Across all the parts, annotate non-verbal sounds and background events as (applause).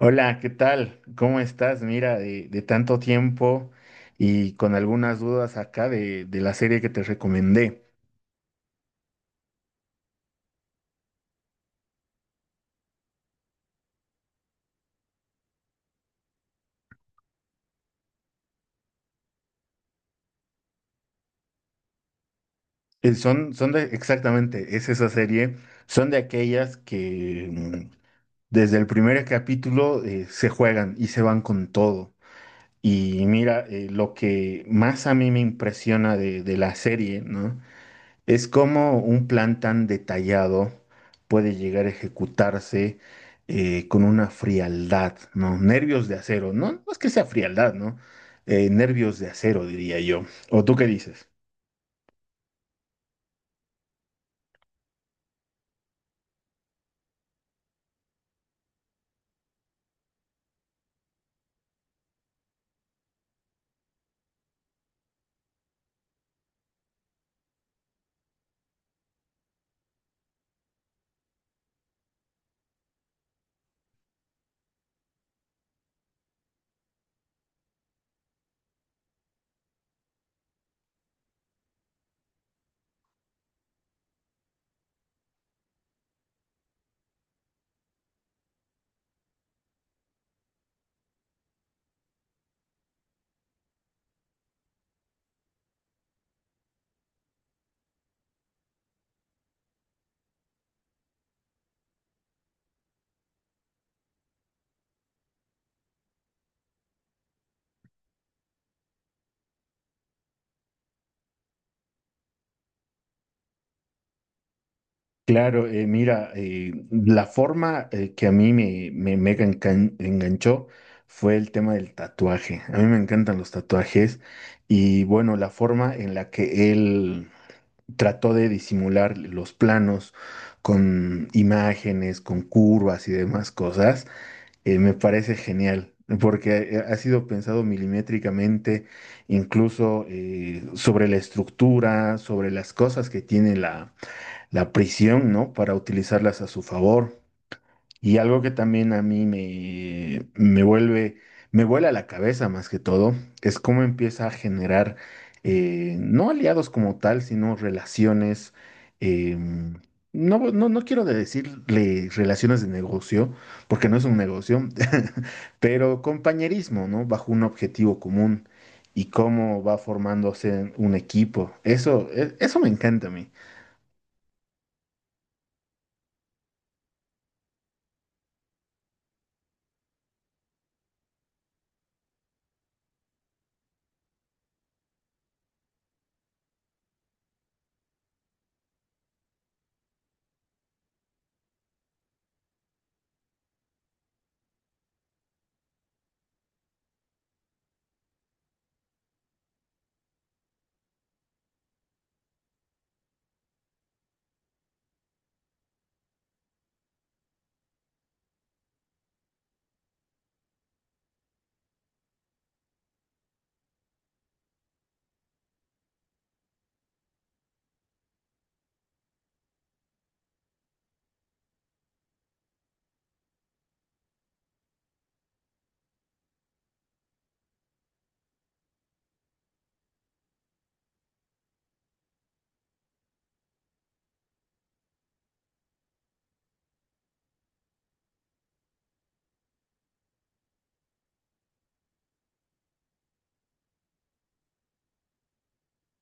Hola, ¿qué tal? ¿Cómo estás? Mira, de tanto tiempo y con algunas dudas acá de la serie que te recomendé. Exactamente, es esa serie, son de aquellas que desde el primer capítulo se juegan y se van con todo. Y mira, lo que más a mí me impresiona de la serie, ¿no? Es como un plan tan detallado puede llegar a ejecutarse con una frialdad, ¿no? Nervios de acero, ¿no? No es que sea frialdad, ¿no? Nervios de acero, diría yo. ¿O tú qué dices? Claro, mira, la forma que a mí enganchó fue el tema del tatuaje. A mí me encantan los tatuajes y bueno, la forma en la que él trató de disimular los planos con imágenes, con curvas y demás cosas, me parece genial. Porque ha sido pensado milimétricamente, incluso sobre la estructura, sobre las cosas que tiene la prisión, ¿no? Para utilizarlas a su favor. Y algo que también a mí me vuela la cabeza más que todo, es cómo empieza a generar, no aliados como tal, sino relaciones, eh, no quiero de decirle relaciones de negocio, porque no es un negocio, (laughs) pero compañerismo, ¿no? Bajo un objetivo común y cómo va formándose un equipo. Eso, eso me encanta a mí.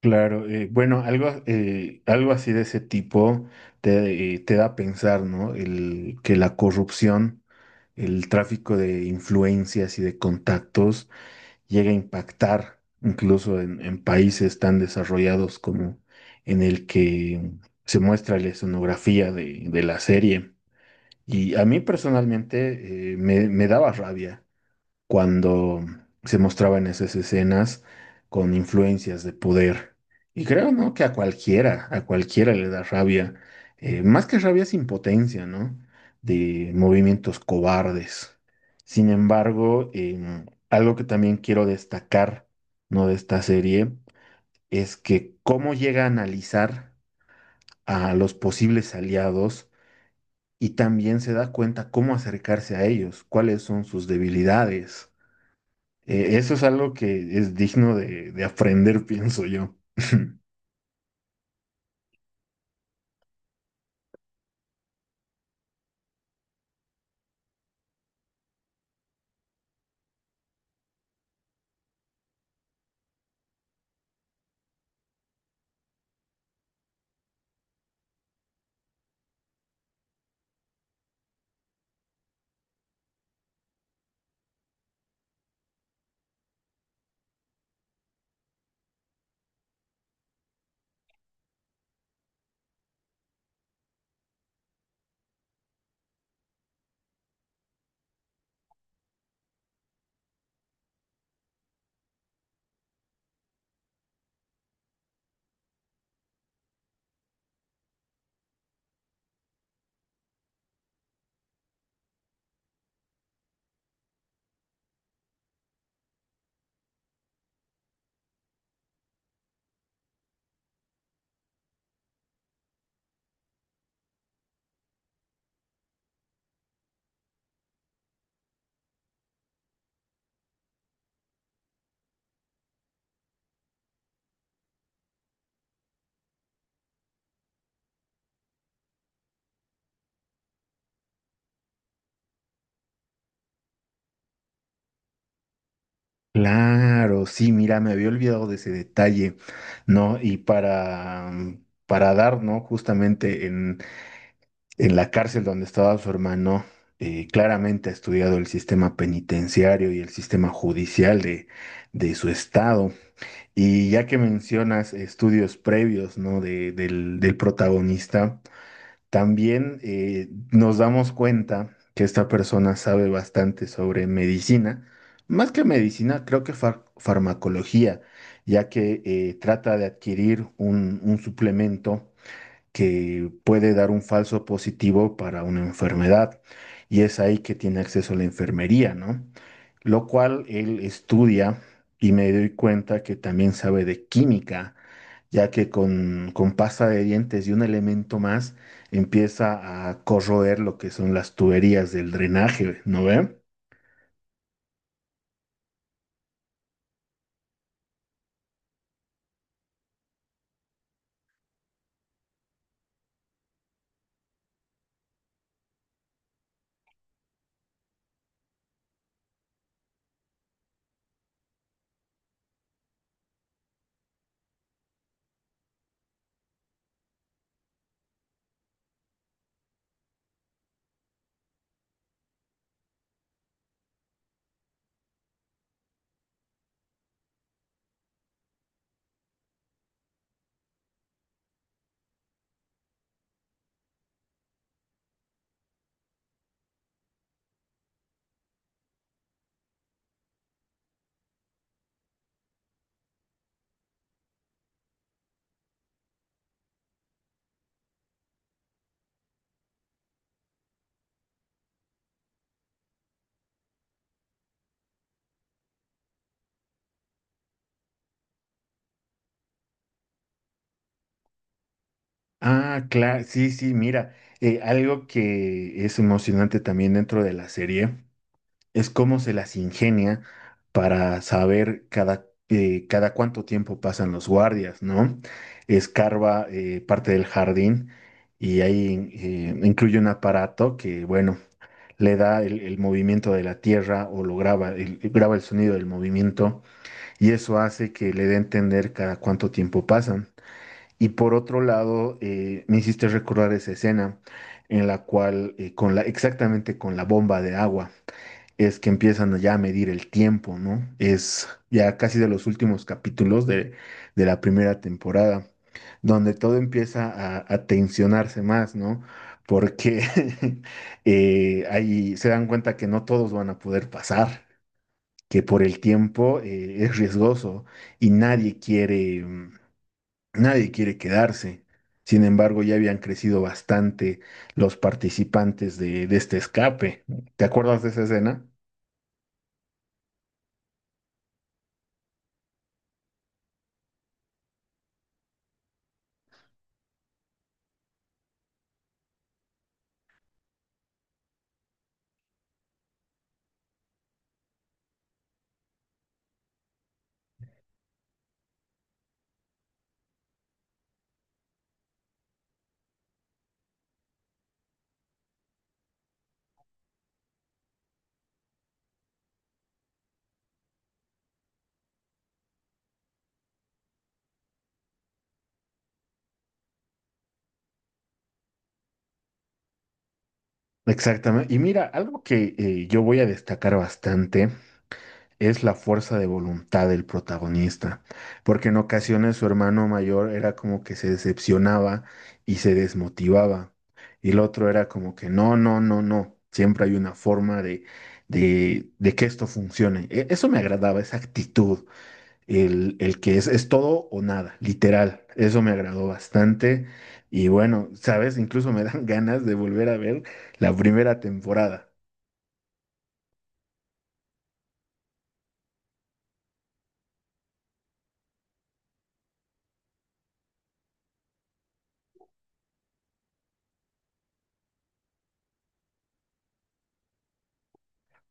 Claro, bueno, algo, algo así de ese tipo te da a pensar, ¿no? El, que la corrupción, el tráfico de influencias y de contactos llega a impactar incluso en países tan desarrollados como en el que se muestra la escenografía de la serie. Y a mí personalmente me daba rabia cuando se mostraban esas escenas con influencias de poder. Y creo, ¿no? Que a cualquiera le da rabia. Más que rabia es impotencia, ¿no? De movimientos cobardes. Sin embargo, algo que también quiero destacar, ¿no? De esta serie es que cómo llega a analizar a los posibles aliados y también se da cuenta cómo acercarse a ellos, cuáles son sus debilidades, eso es algo que es digno de aprender, pienso yo. (laughs) Claro, sí, mira, me había olvidado de ese detalle, ¿no? Y para, para dar, ¿no? Justamente en la cárcel donde estaba su hermano, claramente ha estudiado el sistema penitenciario y el sistema judicial de su estado. Y ya que mencionas estudios previos, ¿no? De, del, del protagonista. También nos damos cuenta que esta persona sabe bastante sobre medicina, más que medicina, creo que farmacología, ya que trata de adquirir un suplemento que puede dar un falso positivo para una enfermedad, y es ahí que tiene acceso a la enfermería, ¿no? Lo cual él estudia y me doy cuenta que también sabe de química ya que con pasta de dientes y un elemento más empieza a corroer lo que son las tuberías del drenaje, ¿no ve? Ah, claro, sí, sí, mira, algo que es emocionante también dentro de la serie es cómo se las ingenia para saber cada, cada cuánto tiempo pasan los guardias, ¿no? Escarba parte del jardín y ahí incluye un aparato que, bueno, le da el movimiento de la tierra o lo graba, graba el sonido del movimiento y eso hace que le dé a entender cada cuánto tiempo pasan. Y por otro lado, me hiciste recordar esa escena en la cual, exactamente con la bomba de agua es que empiezan ya a medir el tiempo, ¿no? Es ya casi de los últimos capítulos de la primera temporada, donde todo empieza a tensionarse más, ¿no? Porque (laughs) ahí se dan cuenta que no todos van a poder pasar, que por el tiempo es riesgoso y nadie quiere, nadie quiere quedarse. Sin embargo, ya habían crecido bastante los participantes de este escape. ¿Te acuerdas de esa escena? Exactamente. Y mira, algo que yo voy a destacar bastante es la fuerza de voluntad del protagonista, porque en ocasiones su hermano mayor era como que se decepcionaba y se desmotivaba, y el otro era como que no, no, no, no, siempre hay una forma de que esto funcione. Eso me agradaba, esa actitud el que es todo o nada, literal. Eso me agradó bastante. Y bueno, sabes, incluso me dan (laughs) ganas de volver a ver la primera temporada.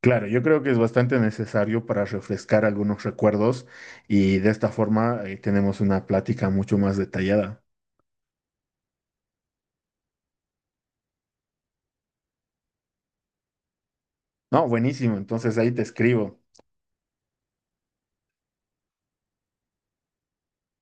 Claro, yo creo que es bastante necesario para refrescar algunos recuerdos y de esta forma tenemos una plática mucho más detallada. No, buenísimo, entonces ahí te escribo.